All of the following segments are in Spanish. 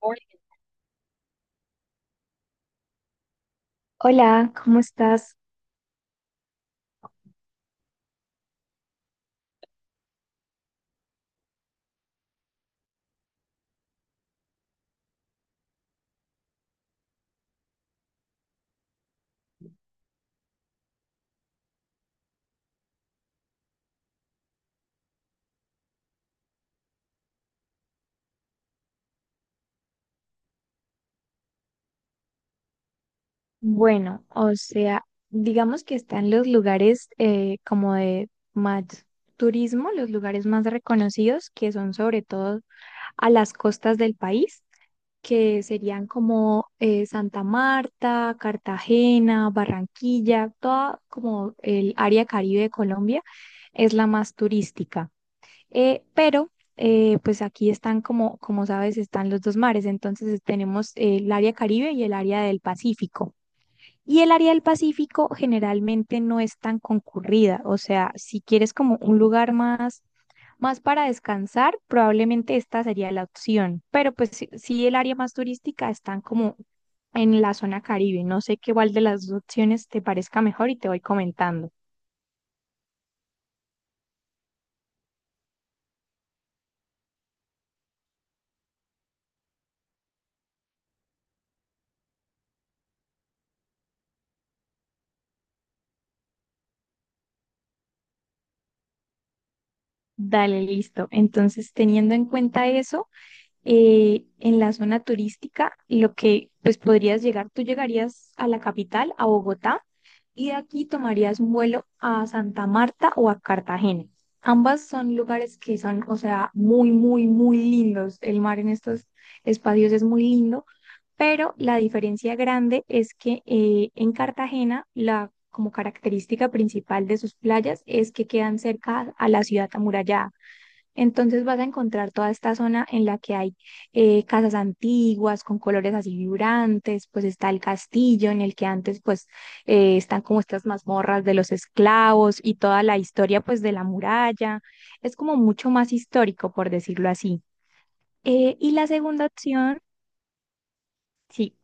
Hola. Hola, ¿cómo estás? Bueno, o sea, digamos que están los lugares como de más turismo, los lugares más reconocidos, que son sobre todo a las costas del país, que serían como Santa Marta, Cartagena, Barranquilla, toda como el área Caribe de Colombia es la más turística. Pero pues aquí están, como, como sabes, están los dos mares. Entonces tenemos el área Caribe y el área del Pacífico. Y el área del Pacífico generalmente no es tan concurrida. O sea, si quieres como un lugar más, más para descansar, probablemente esta sería la opción. Pero pues sí, sí el área más turística están como en la zona Caribe. No sé qué cuál de las dos opciones te parezca mejor y te voy comentando. Dale, listo. Entonces, teniendo en cuenta eso, en la zona turística, lo que pues podrías llegar, tú llegarías a la capital, a Bogotá, y de aquí tomarías un vuelo a Santa Marta o a Cartagena. Ambas son lugares que son, o sea, muy, muy, muy lindos. El mar en estos espacios es muy lindo, pero la diferencia grande es que en Cartagena la como característica principal de sus playas es que quedan cerca a la ciudad amurallada. Entonces vas a encontrar toda esta zona en la que hay casas antiguas con colores así vibrantes, pues está el castillo en el que antes pues están como estas mazmorras de los esclavos y toda la historia pues de la muralla. Es como mucho más histórico, por decirlo así. Y la segunda opción, sí,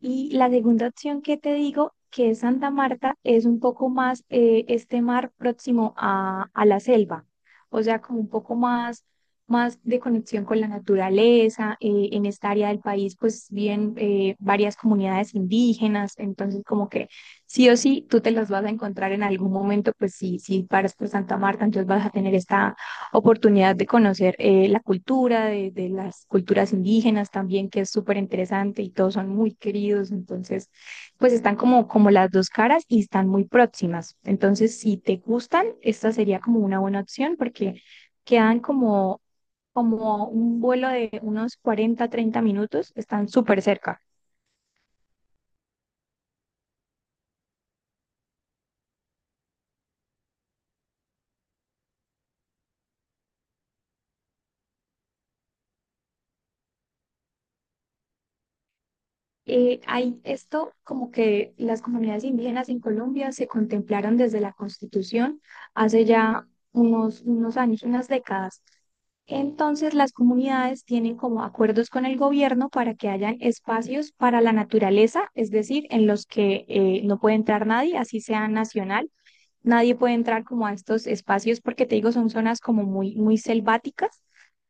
y la segunda opción que te digo, que es Santa Marta, es un poco más este mar próximo a la selva, o sea, como un poco más, más de conexión con la naturaleza. En esta área del país, pues viven varias comunidades indígenas, entonces como que sí o sí, tú te las vas a encontrar en algún momento, pues sí, si paras por Santa Marta, entonces vas a tener esta oportunidad de conocer la cultura de las culturas indígenas también, que es súper interesante y todos son muy queridos, entonces pues están como, como las dos caras y están muy próximas. Entonces, si te gustan, esta sería como una buena opción porque quedan como, como un vuelo de unos 40 30 minutos, están súper cerca. Hay esto como que las comunidades indígenas en Colombia se contemplaron desde la Constitución hace ya unos, unos años, unas décadas. Entonces, las comunidades tienen como acuerdos con el gobierno para que hayan espacios para la naturaleza, es decir, en los que no puede entrar nadie, así sea nacional. Nadie puede entrar como a estos espacios porque te digo, son zonas como muy, muy selváticas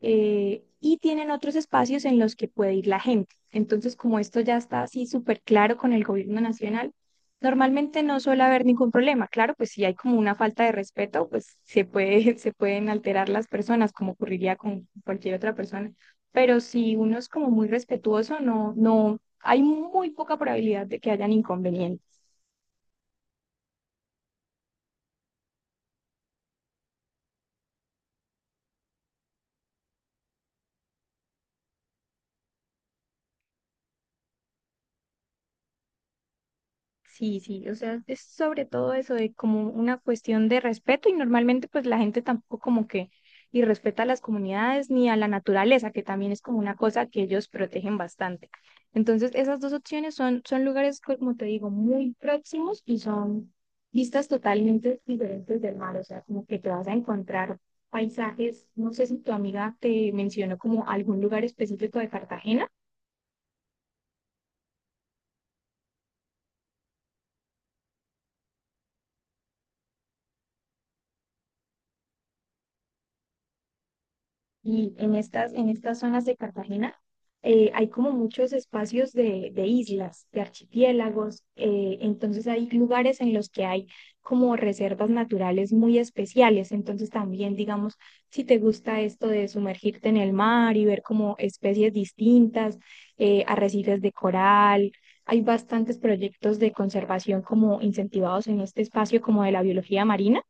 y tienen otros espacios en los que puede ir la gente. Entonces, como esto ya está así súper claro con el gobierno nacional, normalmente no suele haber ningún problema. Claro, pues si hay como una falta de respeto, pues se puede, se pueden alterar las personas, como ocurriría con cualquier otra persona. Pero si uno es como muy respetuoso, no, no, hay muy poca probabilidad de que hayan inconvenientes. Sí, sí, o sea, es sobre todo eso de como una cuestión de respeto y normalmente pues la gente tampoco como que y respeta a las comunidades ni a la naturaleza, que también es como una cosa que ellos protegen bastante. Entonces, esas dos opciones son, son lugares, como te digo, muy próximos y son vistas totalmente diferentes del mar, o sea, como que te vas a encontrar paisajes, no sé si tu amiga te mencionó como algún lugar específico de Cartagena. Y en estas zonas de Cartagena hay como muchos espacios de islas, de archipiélagos, entonces hay lugares en los que hay como reservas naturales muy especiales, entonces también digamos, si te gusta esto de sumergirte en el mar y ver como especies distintas, arrecifes de coral, hay bastantes proyectos de conservación como incentivados en este espacio como de la biología marina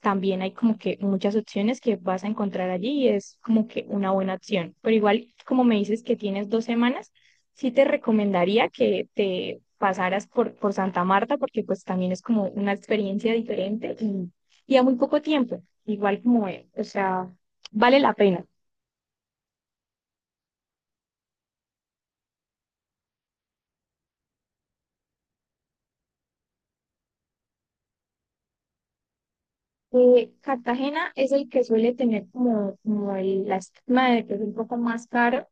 también hay como que muchas opciones que vas a encontrar allí y es como que una buena opción. Pero igual, como me dices que tienes 2 semanas, sí te recomendaría que te pasaras por Santa Marta porque pues también es como una experiencia diferente y a muy poco tiempo. Igual como, o sea, vale la pena. Cartagena es el que suele tener como, como el, la estigma de que es un poco más caro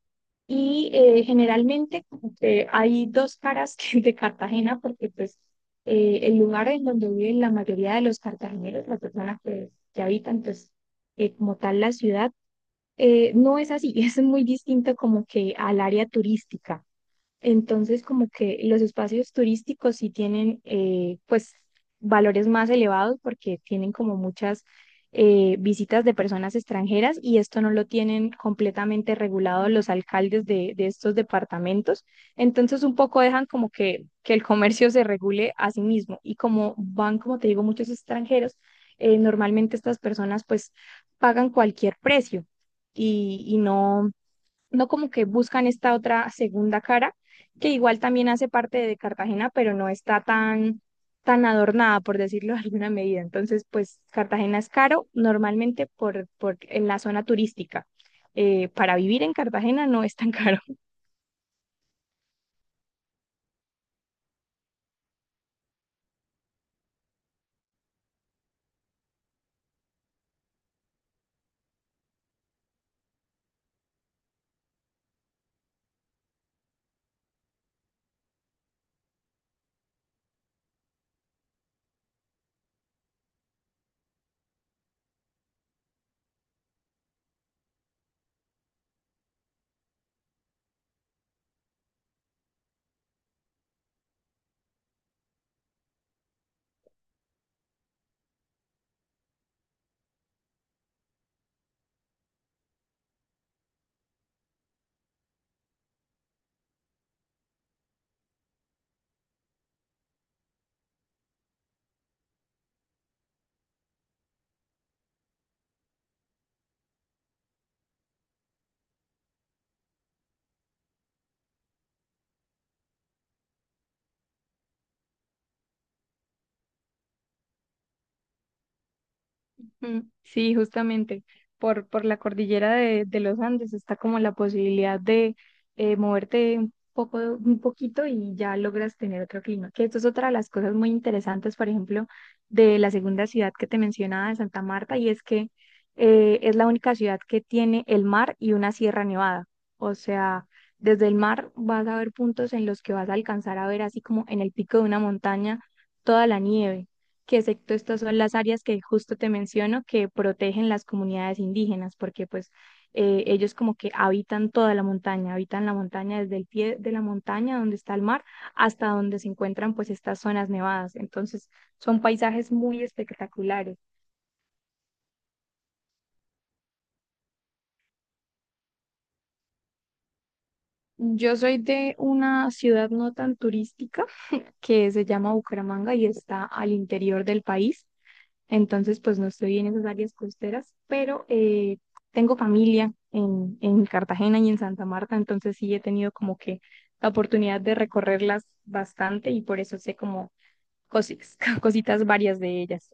y generalmente como que hay dos caras de Cartagena porque pues el lugar en donde viven la mayoría de los cartageneros, las personas que habitan pues como tal la ciudad, no es así, es muy distinto como que al área turística. Entonces, como que los espacios turísticos sí tienen, pues, valores más elevados porque tienen como muchas visitas de personas extranjeras y esto no lo tienen completamente regulado los alcaldes de estos departamentos. Entonces, un poco dejan como que el comercio se regule a sí mismo y como van, como te digo, muchos extranjeros, normalmente estas personas pues pagan cualquier precio y no como que buscan esta otra segunda cara, que igual también hace parte de Cartagena, pero no está tan, tan adornada, por decirlo de alguna medida. Entonces, pues Cartagena es caro normalmente por en la zona turística. Para vivir en Cartagena no es tan caro. Mm, sí, justamente por la cordillera de los Andes está como la posibilidad de moverte un poco, un poquito y ya logras tener otro clima. Que esto es otra de las cosas muy interesantes, por ejemplo, de la segunda ciudad que te mencionaba, de Santa Marta, y es que es la única ciudad que tiene el mar y una sierra nevada. O sea, desde el mar vas a ver puntos en los que vas a alcanzar a ver así como en el pico de una montaña toda la nieve que excepto estas son las áreas que justo te menciono que protegen las comunidades indígenas, porque pues ellos como que habitan toda la montaña, habitan la montaña desde el pie de la montaña donde está el mar hasta donde se encuentran pues estas zonas nevadas. Entonces son paisajes muy espectaculares. Yo soy de una ciudad no tan turística que se llama Bucaramanga y está al interior del país. Entonces, pues no estoy en esas áreas costeras, pero tengo familia en Cartagena y en Santa Marta, entonces sí he tenido como que la oportunidad de recorrerlas bastante y por eso sé como cositas, cositas varias de ellas.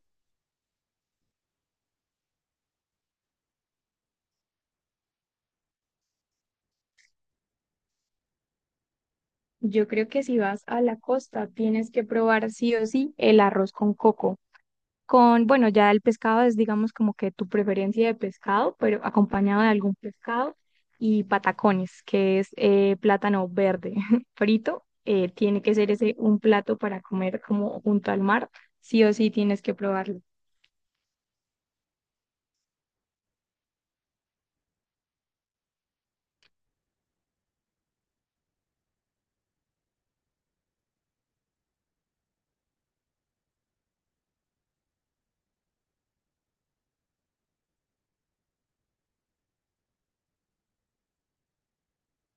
Yo creo que si vas a la costa tienes que probar sí o sí el arroz con coco. Con, bueno, ya el pescado es, digamos, como que tu preferencia de pescado, pero acompañado de algún pescado y patacones, que es plátano verde frito. Tiene que ser ese un plato para comer como junto al mar. Sí o sí tienes que probarlo.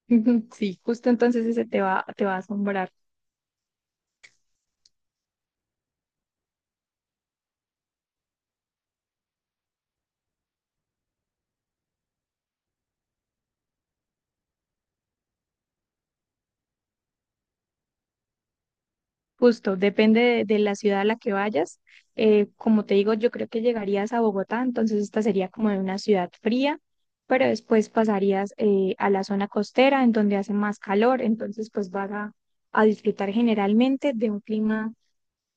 Sí, justo entonces ese te va a asombrar. Justo, depende de la ciudad a la que vayas. Como te digo, yo creo que llegarías a Bogotá, entonces esta sería como de una ciudad fría, pero después pasarías a la zona costera, en donde hace más calor, entonces pues vas a disfrutar generalmente de un clima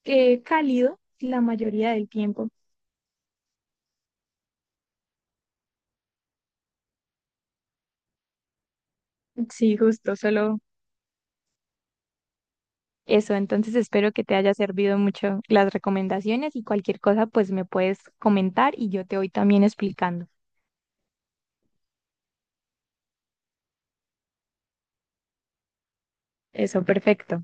cálido la mayoría del tiempo. Sí, justo, solo eso. Entonces espero que te haya servido mucho las recomendaciones y cualquier cosa pues me puedes comentar y yo te voy también explicando. Eso, perfecto.